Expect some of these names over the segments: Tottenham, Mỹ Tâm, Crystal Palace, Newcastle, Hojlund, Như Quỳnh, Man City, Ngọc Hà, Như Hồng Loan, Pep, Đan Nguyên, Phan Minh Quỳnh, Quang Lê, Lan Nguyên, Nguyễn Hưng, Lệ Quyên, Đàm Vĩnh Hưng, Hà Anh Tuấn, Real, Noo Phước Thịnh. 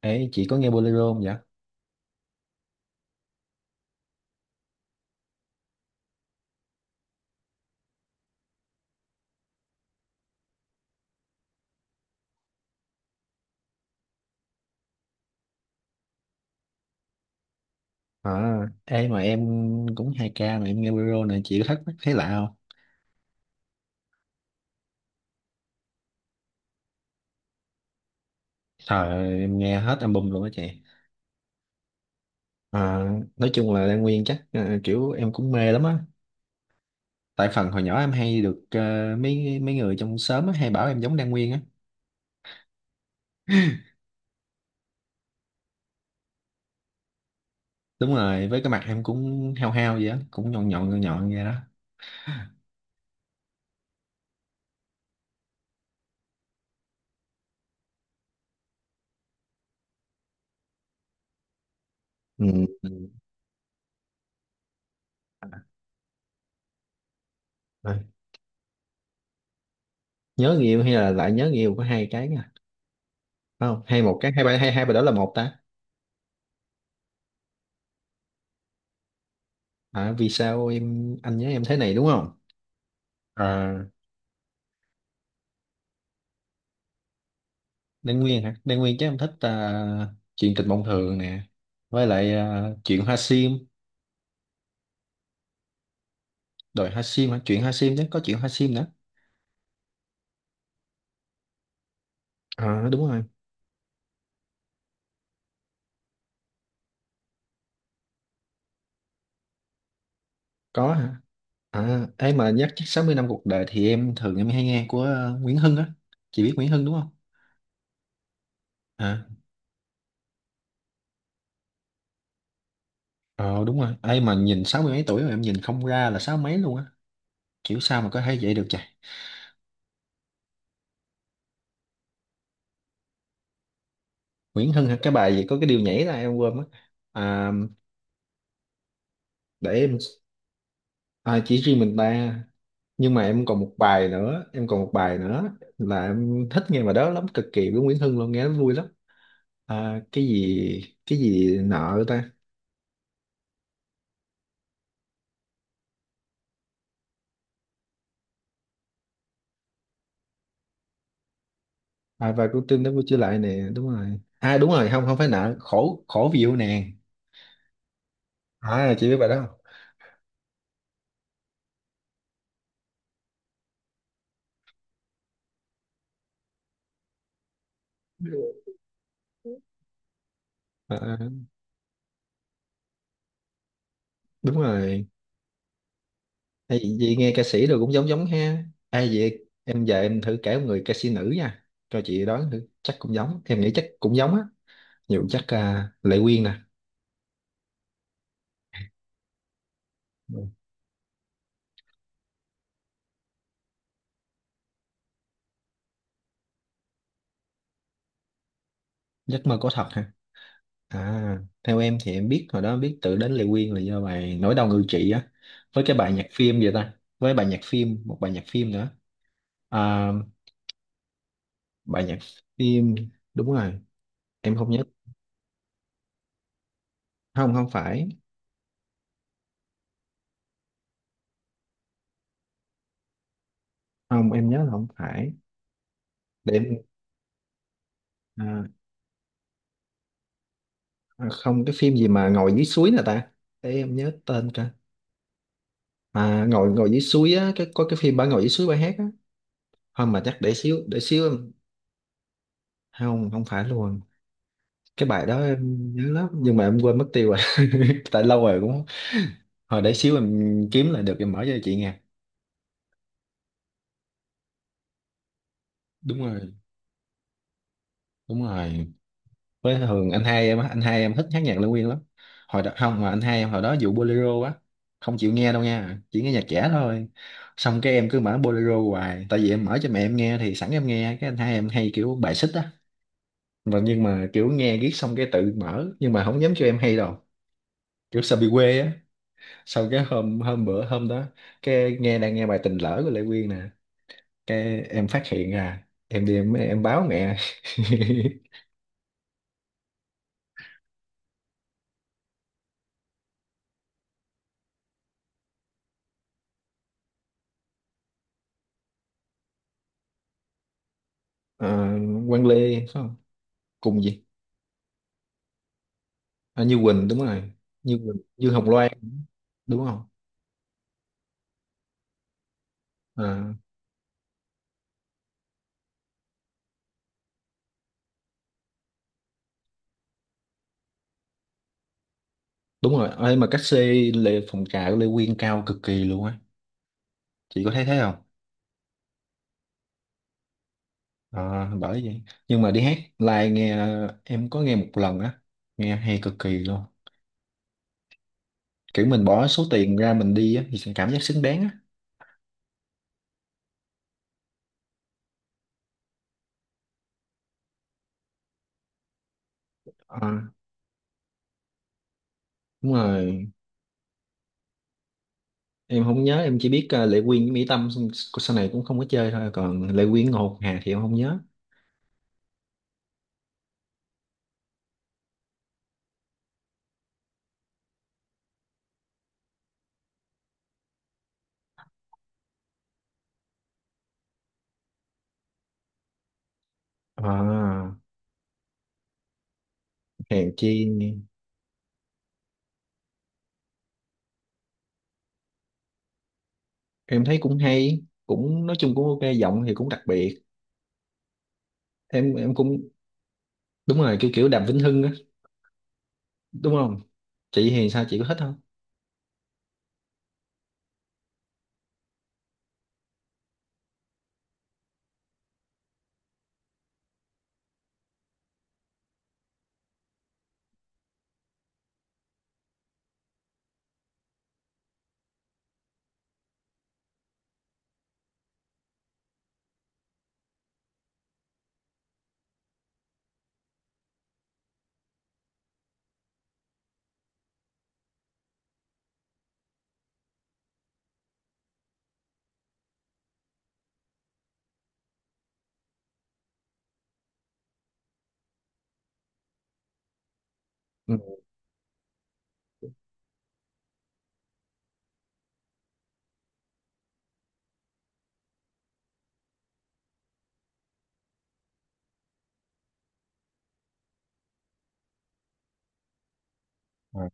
Ê, chị có nghe bolero không vậy? À, ê mà em cũng 2 ca mà em nghe bolero này chị có thắc mắc thấy lạ không? Trời ơi, em nghe hết album luôn á chị. À, nói chung là Lan Nguyên chắc kiểu em cũng mê lắm á. Tại phần hồi nhỏ em hay được mấy mấy người trong xóm á, hay bảo em giống Lan Nguyên á. Đúng rồi, với cái mặt em cũng hao hao vậy á, cũng nhọn nhọn vậy đó. Ừ, ừ. À, nhớ người yêu hay là lại nhớ người yêu có hai cái nha. Phải không, hay một cái hai ba hai hai bài đó là một ta. À, vì sao em anh nhớ em thế này đúng không? À, Đan Nguyên hả? Đan Nguyên chứ em thích chuyện tình mộng thường nè, với lại chuyện hoa sim, đòi hoa sim hả? Chuyện hoa sim chứ có chuyện hoa sim nữa. À, đúng rồi, có hả? À, ấy mà nhắc chắc 60 năm cuộc đời thì em thường em hay nghe của Nguyễn Hưng á, chị biết Nguyễn Hưng đúng không? À, ờ đúng rồi, ấy mà nhìn sáu mươi mấy tuổi rồi em nhìn không ra là sáu mấy luôn á, kiểu sao mà có thể vậy được trời. Nguyễn Hưng hả? Cái bài gì có cái điều nhảy ra em quên mất. À, để em à, chỉ riêng mình ta, nhưng mà em còn một bài nữa, là em thích nghe bài đó lắm cực kỳ với Nguyễn Hưng, luôn nghe nó vui lắm. À, cái gì nợ ta. À, và cô tim đã vui trở lại nè đúng rồi, à đúng rồi không không phải nợ, khổ khổ vì yêu nàng. À chị biết bài đó không? à, à, đúng rồi. Ê, vậy nghe ca sĩ rồi cũng giống giống ha, ai vậy em? Giờ em thử kể một người ca sĩ nữ nha, cho chị đoán thử chắc cũng giống, em nghĩ chắc cũng giống á nhiều, chắc Lệ Quyên nè. Giấc mơ có thật hả? À theo em thì em biết hồi đó, biết tự đến Lệ Quyên là do bài Nỗi đau ngự trị á, với cái bài nhạc phim vậy ta, với bài nhạc phim, một bài nhạc phim nữa. à, bài nhạc phim, đúng rồi, em không nhớ. Không không phải, không em nhớ là không phải, để em. à, không cái phim gì mà ngồi dưới suối nè ta, để em nhớ tên cả. À ngồi ngồi dưới suối á, cái có cái phim bà ngồi dưới suối bà hát á. Không mà chắc để xíu em. Không không phải luôn, cái bài đó em nhớ lắm nhưng mà em quên mất tiêu rồi. Tại lâu rồi cũng, hồi để xíu em kiếm lại được em mở cho chị nghe. Đúng rồi, đúng rồi, với thường anh hai em á, anh hai em thích hát nhạc Lê Nguyên lắm. Hồi đó không mà anh hai em hồi đó vụ bolero á, không chịu nghe đâu nha, chỉ nghe nhạc trẻ thôi, xong cái em cứ mở bolero hoài, tại vì em mở cho mẹ em nghe thì sẵn em nghe, cái anh hai em hay kiểu bài xích á. Mà nhưng mà kiểu nghe riết xong cái tự mở nhưng mà không dám cho em hay đâu, kiểu sợ bị quê á. Sau cái hôm hôm bữa hôm đó, cái nghe đang nghe bài tình lỡ của Lệ Quyên nè, cái em phát hiện ra em đi em báo mẹ. Ờ, Quang Lê phải không, cùng gì. À, Như Quỳnh đúng rồi, Như Quỳnh Như Hồng Loan đúng không? Ờ, đúng rồi ơi, mà cách xê Lê phòng trà của Lê Quyên cao cực kỳ luôn á, chị có thấy thế không? Ờ, bởi vậy, nhưng mà đi hát live nghe, em có nghe một lần á, nghe hay cực kỳ luôn, kiểu mình bỏ số tiền ra mình đi á thì sẽ cảm giác xứng đáng á. Ờ, đúng rồi, em không nhớ, em chỉ biết Lệ Quyên với Mỹ Tâm xong, sau này cũng không có chơi thôi, còn Lệ Quyên Ngọc Hà thì em không nhớ. À, Hèn Chi, em thấy cũng hay cũng, nói chung cũng ok, giọng thì cũng đặc biệt. Em cũng đúng rồi, kiểu kiểu Đàm Vĩnh Hưng á, đúng không? Chị thì sao chị có thích không? Ừ. À,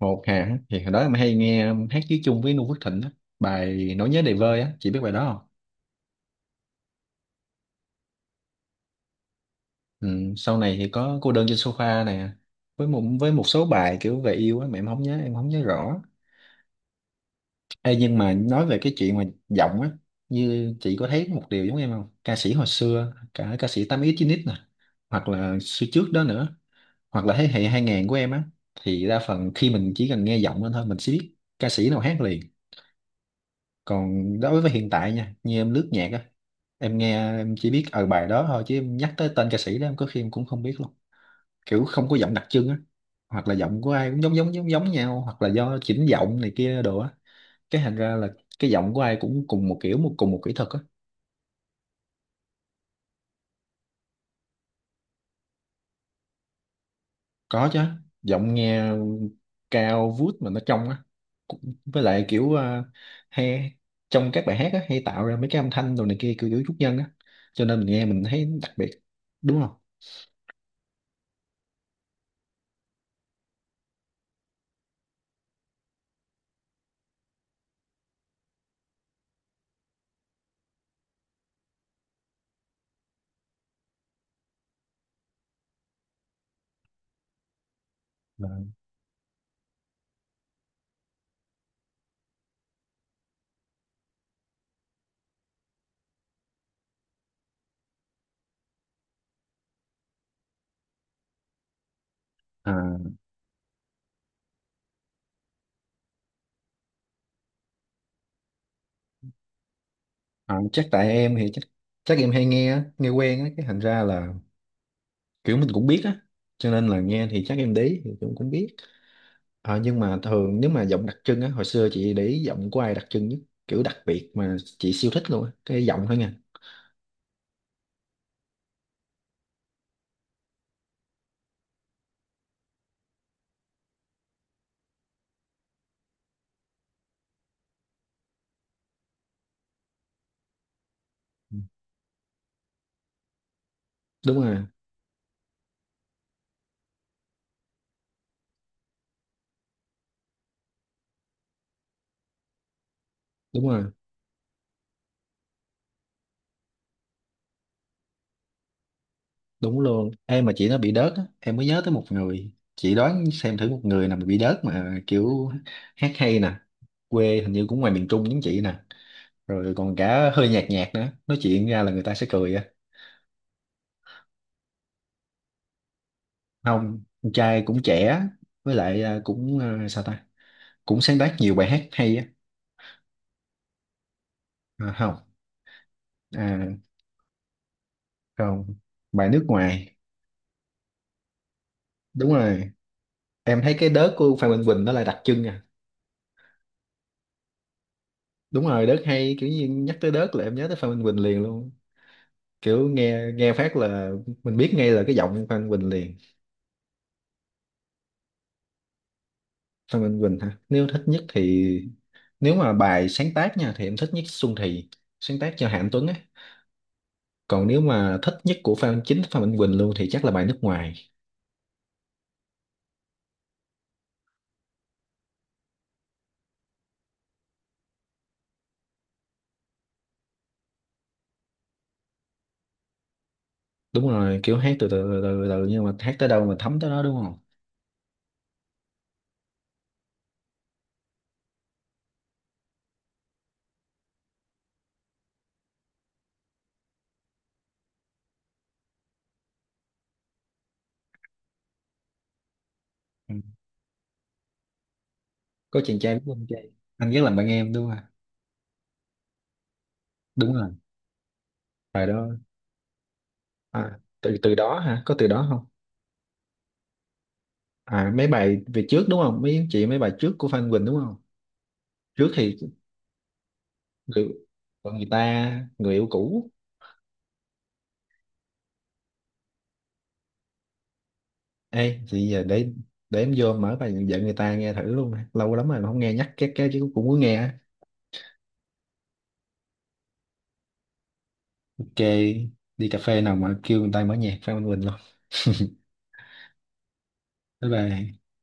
Ngọc Hà á, thì hồi đó em hay nghe hát với chung với Noo Phước Thịnh á, bài Nỗi nhớ đầy vơi á chị biết bài đó không? Ừ. Sau này thì có cô đơn trên sofa nè, với một với số bài kiểu về yêu á mà em không nhớ, rõ. Ê, nhưng mà nói về cái chuyện mà giọng á, như chị có thấy một điều giống em không, ca sĩ hồi xưa cả ca sĩ 8X Chín x nè, hoặc là xưa trước đó nữa, hoặc là thế hệ 2000 của em á, thì đa phần khi mình chỉ cần nghe giọng lên thôi mình sẽ biết ca sĩ nào hát liền. Còn đối với hiện tại nha, như em lướt nhạc á, em nghe em chỉ biết ở bài đó thôi, chứ em nhắc tới tên ca sĩ đó em có khi em cũng không biết luôn, kiểu không có giọng đặc trưng á, hoặc là giọng của ai cũng giống giống nhau, hoặc là do chỉnh giọng này kia đồ á, cái thành ra là cái giọng của ai cũng cùng một kiểu, một cùng một kỹ thuật á. Có chứ, giọng nghe cao vút mà nó trong á. Cũng, với lại kiểu hay trong các bài hát á, hay tạo ra mấy cái âm thanh đồ này kia kiểu kiểu chút nhân á, cho nên mình nghe mình thấy đặc biệt, đúng không? Dạ. à, chắc tại em thì chắc, chắc em hay nghe á, nghe quen á, cái thành ra là kiểu mình cũng biết á, cho nên là nghe thì chắc em đấy thì cũng cũng biết. Ờ, nhưng mà thường nếu mà giọng đặc trưng á, hồi xưa chị để ý giọng của ai đặc trưng nhất, kiểu đặc biệt mà chị siêu thích luôn á, cái giọng thôi nha. Ừ. Đúng rồi, đúng rồi, đúng luôn. Em mà chị nó bị đớt á, em mới nhớ tới một người. Chị đoán xem thử một người nào mà bị đớt mà kiểu hát hay nè, quê hình như cũng ngoài miền Trung giống chị nè. Rồi còn cả hơi nhạt nhạt nữa, nói chuyện ra là người ta sẽ cười á. Không, con trai cũng trẻ, với lại cũng cũng sáng tác nhiều bài hát hay á. À, không. à, không, bài nước ngoài. Đúng rồi, em thấy cái đớt của Phan Minh Quỳnh nó là đặc trưng à. Đúng rồi, đớt hay kiểu như nhắc tới đớt là em nhớ tới Phan Minh Quỳnh liền luôn, kiểu nghe nghe phát là mình biết ngay là cái giọng Phan Minh Quỳnh liền. Phan Minh Quỳnh hả? Nếu thích nhất thì, nếu mà bài sáng tác nha thì em thích nhất Xuân Thì, sáng tác cho Hà Anh Tuấn á. Còn nếu mà thích nhất của Phan chính Phan Minh Quỳnh luôn thì chắc là bài nước ngoài. Đúng rồi, kiểu hát từ từ từ từ, từ nhưng mà hát tới đâu mà thấm tới đó đúng không? Ừ. Có chàng trai, biết không, chàng trai anh rất làm bạn em đúng không? Đúng rồi, bài đó. À, từ từ đó hả, có từ đó không? À mấy bài về trước đúng không, mấy chị mấy bài trước của Phan Quỳnh đúng không? Trước thì người, còn người ta, người yêu cũ. Ê thì giờ để em vô mở bài vợ người ta nghe thử luôn, lâu lắm rồi mà không nghe nhắc cái chứ cũng muốn nghe á. Ok, đi cà phê nào mà kêu người ta mở nhạc Phan Quỳnh luôn. Bye bye.